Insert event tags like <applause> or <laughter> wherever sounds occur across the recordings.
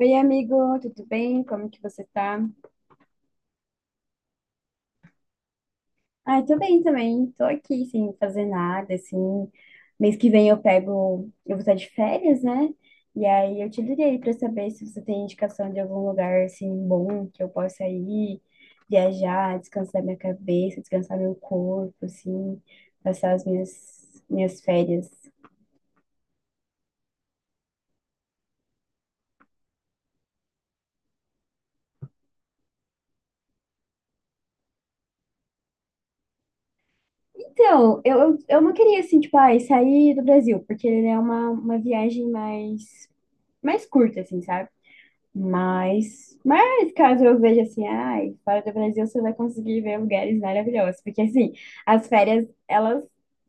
Oi, amigo, tudo bem? Como que você tá? Ai, tô bem também. Tô aqui sem fazer nada, assim. Mês que vem eu vou estar de férias, né? E aí eu te liguei pra saber se você tem indicação de algum lugar assim bom que eu possa ir, viajar, descansar minha cabeça, descansar meu corpo, assim, passar as minhas férias. Então, eu não queria assim, tipo, ai, sair do Brasil, porque né, é uma viagem mais curta, assim, sabe? Mas caso eu veja assim, ai, fora do Brasil você vai conseguir ver lugares maravilhosos, porque assim, as férias, elas,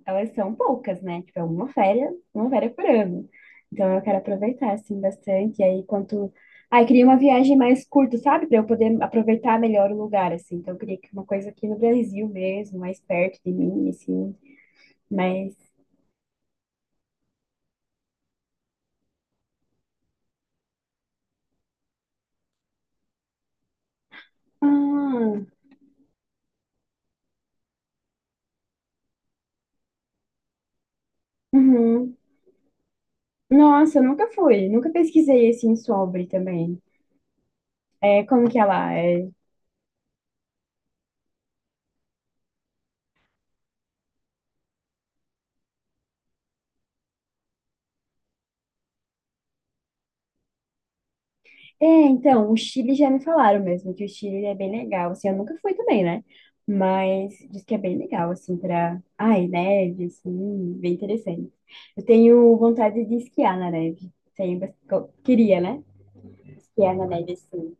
elas são poucas, né? Tipo, é uma férias por ano. Então eu quero aproveitar assim bastante, e aí ai, queria uma viagem mais curta, sabe? Para eu poder aproveitar melhor o lugar assim. Então eu queria que uma coisa aqui no Brasil mesmo, mais perto de mim, assim, mas ah, uhum. Nossa, eu nunca fui, nunca pesquisei assim sobre também. É, como que ela é? É, então, o Chile já me falaram mesmo que o Chile é bem legal. Assim, eu nunca fui também, né? Mas diz que é bem legal, assim, pra. Ai, neve, assim, bem interessante. Eu tenho vontade de esquiar na neve. Tenho, queria, né? Esquiar na neve, assim.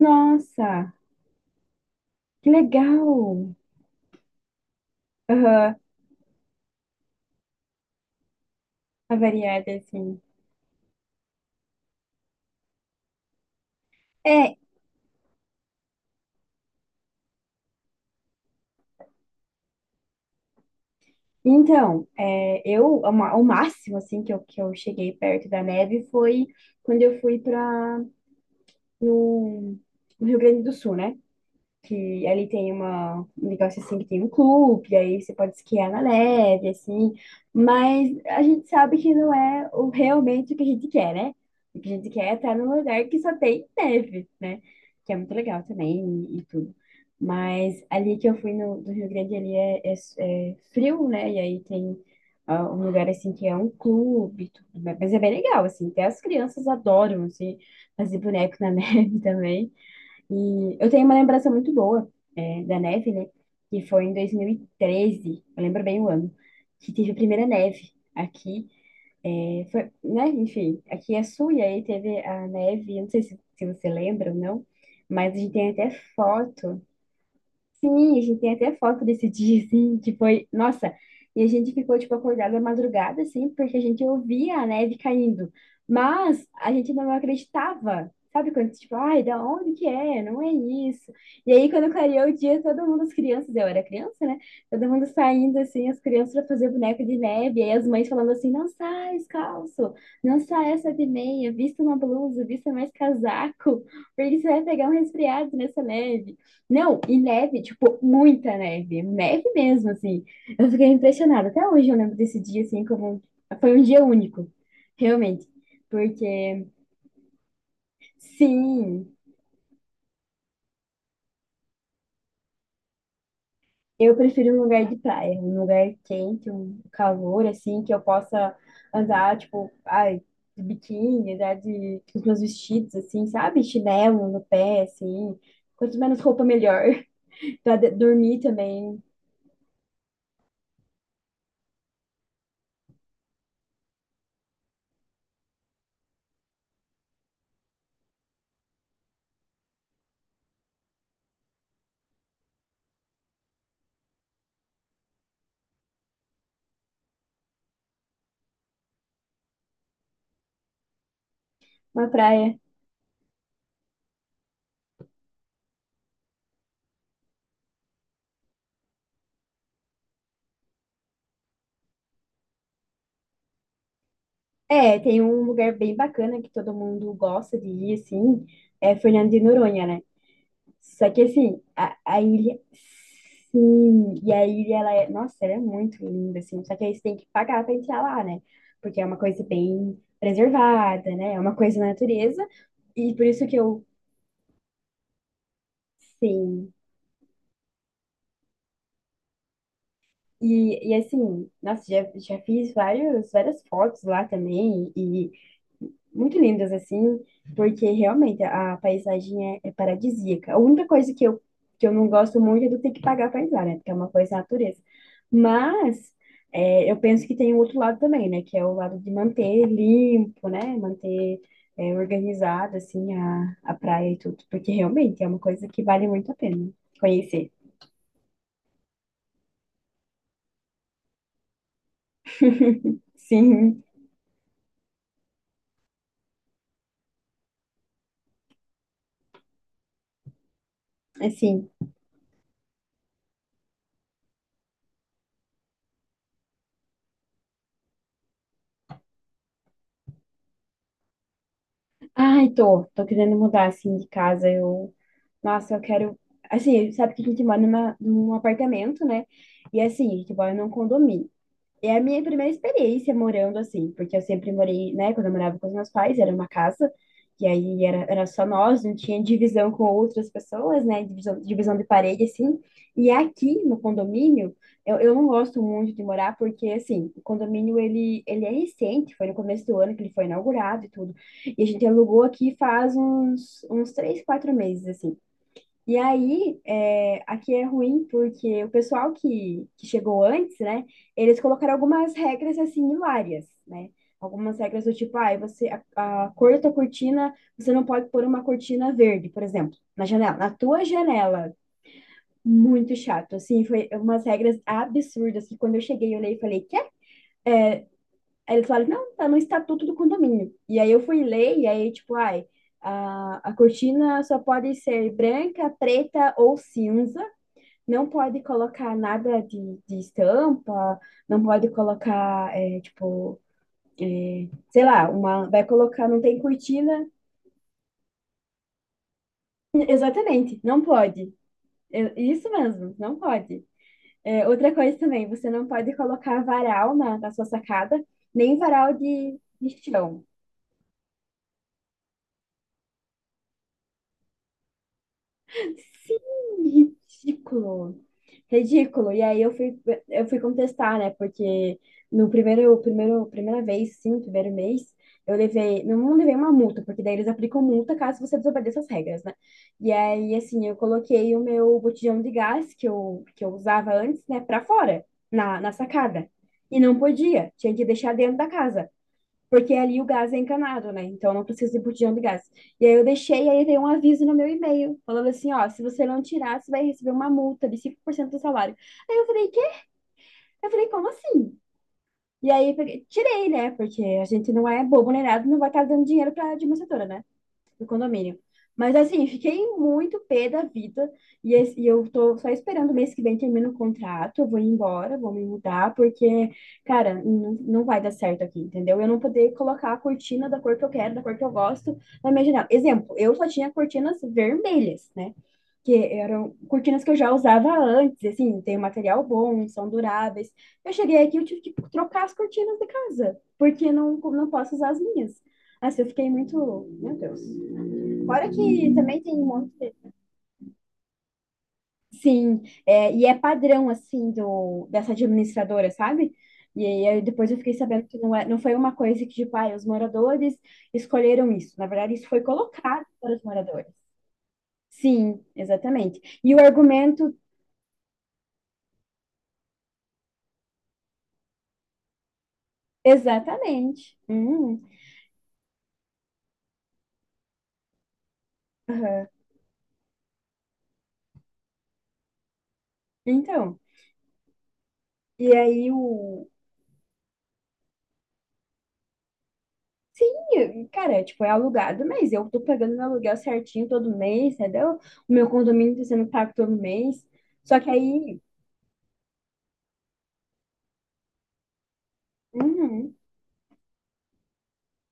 Nossa, que legal! Aham, a variada, assim. É, então, o máximo, assim, que eu cheguei perto da neve foi quando eu fui pra. no, no Rio Grande do Sul, né? Que ali tem um negócio assim que tem um clube, aí você pode esquiar na neve, assim, mas a gente sabe que não é realmente o que a gente quer, né? O que a gente quer é estar num lugar que só tem neve, né? Que é muito legal também e tudo. Mas ali que eu fui no, do Rio Grande, ali é frio, né? E aí tem um lugar assim que é um clube, e tudo, mas é bem legal, assim, até as crianças adoram, assim, fazer boneco na <laughs> neve também. E eu tenho uma lembrança muito boa, da neve, né? Que foi em 2013, eu lembro bem o ano, que teve a primeira neve aqui. É, foi, né? Enfim, aqui é sul e aí teve a neve, eu não sei se você lembra ou não, mas a gente tem até foto. Sim, a gente tem até foto desse <laughs> dia, assim, que foi, nossa, e a gente ficou, tipo, acordado à madrugada, assim, porque a gente ouvia a neve caindo, mas a gente não acreditava, sabe, quando, tipo, ai, da onde que é? Não é isso. E aí, quando clareou o dia, todo mundo, as crianças, eu era criança, né, todo mundo saindo, assim, as crianças pra fazer boneco de neve, e aí as mães falando assim, não sai descalço, não sai essa de meia, vista uma blusa, vista mais casaco, <laughs> porque você vai pegar um resfriado nessa neve. Não, e neve, tipo, muita neve, neve mesmo, assim. Eu fiquei impressionada. Até hoje eu lembro desse dia, assim, como foi um dia único, realmente. Porque, sim, eu prefiro um lugar de praia, um lugar quente, um calor, assim, que eu possa andar, tipo, ai, de biquíni, andar com os meus vestidos, assim, sabe? Chinelo no pé, assim. Quanto menos roupa, melhor. <laughs> Pra dormir também, uma praia. É, tem um lugar bem bacana que todo mundo gosta de ir, assim, é Fernando de Noronha, né? Só que, assim, a ilha, sim, e a ilha, ela é, nossa, ela é muito linda, assim, só que aí você tem que pagar pra entrar lá, né? Porque é uma coisa bem preservada, né? É uma coisa da natureza, e por isso que eu, sim, e assim, nossa, já fiz várias fotos lá também, e muito lindas, assim, porque realmente a paisagem é paradisíaca. A única coisa que eu não gosto muito é do ter que pagar para entrar, né? Porque é uma coisa da natureza. Mas eu penso que tem o outro lado também, né? Que é o lado de manter limpo, né? Manter organizado, assim, a praia e tudo. Porque realmente é uma coisa que vale muito a pena conhecer. Sim, assim. Ai, tô querendo mudar, assim, de casa. Eu Nossa, eu quero. Assim, sabe que a gente mora num apartamento, né? E assim, a gente mora num condomínio. E é a minha primeira experiência morando assim, porque eu sempre morei, né? Quando eu morava com os meus pais, era uma casa, e aí era só nós, não tinha divisão com outras pessoas, né? Divisão de parede, assim. E aqui no condomínio, eu não gosto muito de morar, porque assim, o condomínio ele é recente, foi no começo do ano que ele foi inaugurado e tudo. E a gente alugou aqui faz uns três, quatro meses, assim. E aí, aqui é ruim porque o pessoal que chegou antes, né, eles colocaram algumas regras assim hilárias, né? Algumas regras do tipo, ah, a cor da tua cortina, você não pode pôr uma cortina verde, por exemplo, na janela, na tua janela. Muito chato, assim, foi umas regras absurdas que quando eu cheguei, eu olhei e falei, quê? Aí eles falaram, não, tá no estatuto do condomínio. E aí eu fui ler, e aí, tipo, ai, a cortina só pode ser branca, preta ou cinza. Não pode colocar nada de estampa, não pode colocar, tipo, sei lá, vai colocar, não tem cortina. Exatamente, não pode. É, isso mesmo, não pode. É, outra coisa também, você não pode colocar varal na sua sacada, nem varal de chão. Sim, ridículo. Ridículo. E aí eu fui, contestar, né? Porque no primeiro, primeira vez, sim, primeiro mês, eu levei, não, não levei uma multa, porque daí eles aplicam multa caso você desobedeça as regras, né? E aí, assim, eu coloquei o meu botijão de gás que eu usava antes, né, pra fora, na sacada. E não podia, tinha que deixar dentro da casa. Porque ali o gás é encanado, né? Então não precisa de botijão de gás. E aí eu deixei, aí veio um aviso no meu e-mail, falando assim, ó, se você não tirar, você vai receber uma multa de 5% do salário. Aí eu falei, quê? Eu falei, como assim? E aí tirei, né? Porque a gente não é bobo nem nada, não vai estar dando dinheiro para administradora, né? Do condomínio. Mas assim, fiquei muito pé da vida e eu tô só esperando o mês que vem termina o contrato, eu vou ir embora, vou me mudar, porque, cara, não, não vai dar certo aqui, entendeu? Eu não poder colocar a cortina da cor que eu quero, da cor que eu gosto na minha janela. Exemplo, eu só tinha cortinas vermelhas, né? Que eram cortinas que eu já usava antes, assim, tem um material bom, são duráveis. Eu cheguei aqui, eu tive que trocar as cortinas da casa, porque não, não posso usar as minhas. Assim, eu fiquei muito, meu Deus. Fora que também tem um monte de... Sim, e é padrão, assim, dessa administradora, sabe? E aí depois eu fiquei sabendo que não foi uma coisa que, tipo, ah, os moradores escolheram isso. Na verdade, isso foi colocado para os moradores. Sim, exatamente. E o argumento, exatamente. Aham. Então, e aí o... Sim, cara, tipo, é alugado, mas eu tô pagando meu aluguel certinho todo mês, entendeu? O meu condomínio tá sendo pago todo mês. Só que aí... Uhum,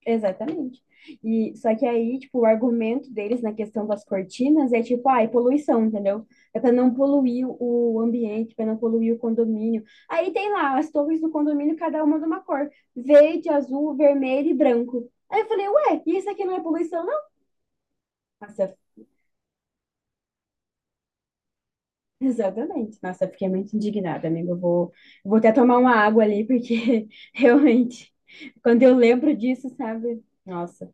exatamente. E só que aí, tipo, o argumento deles na questão das cortinas é tipo, ai, poluição, entendeu? É para não poluir o ambiente, para não poluir o condomínio. Aí tem lá as torres do condomínio, cada uma de uma cor, verde, azul, vermelho e branco. Aí eu falei, ué, e isso aqui não é poluição, não? Nossa, <laughs> exatamente. Nossa, eu fiquei muito indignada, amiga. eu vou, até tomar uma água ali, porque <laughs> realmente, quando eu lembro disso, sabe? Nossa.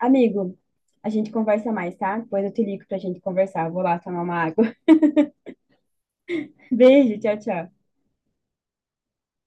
Amigo, a gente conversa mais, tá? Depois eu te ligo pra gente conversar. Vou lá tomar uma água. <laughs> Beijo, tchau, tchau.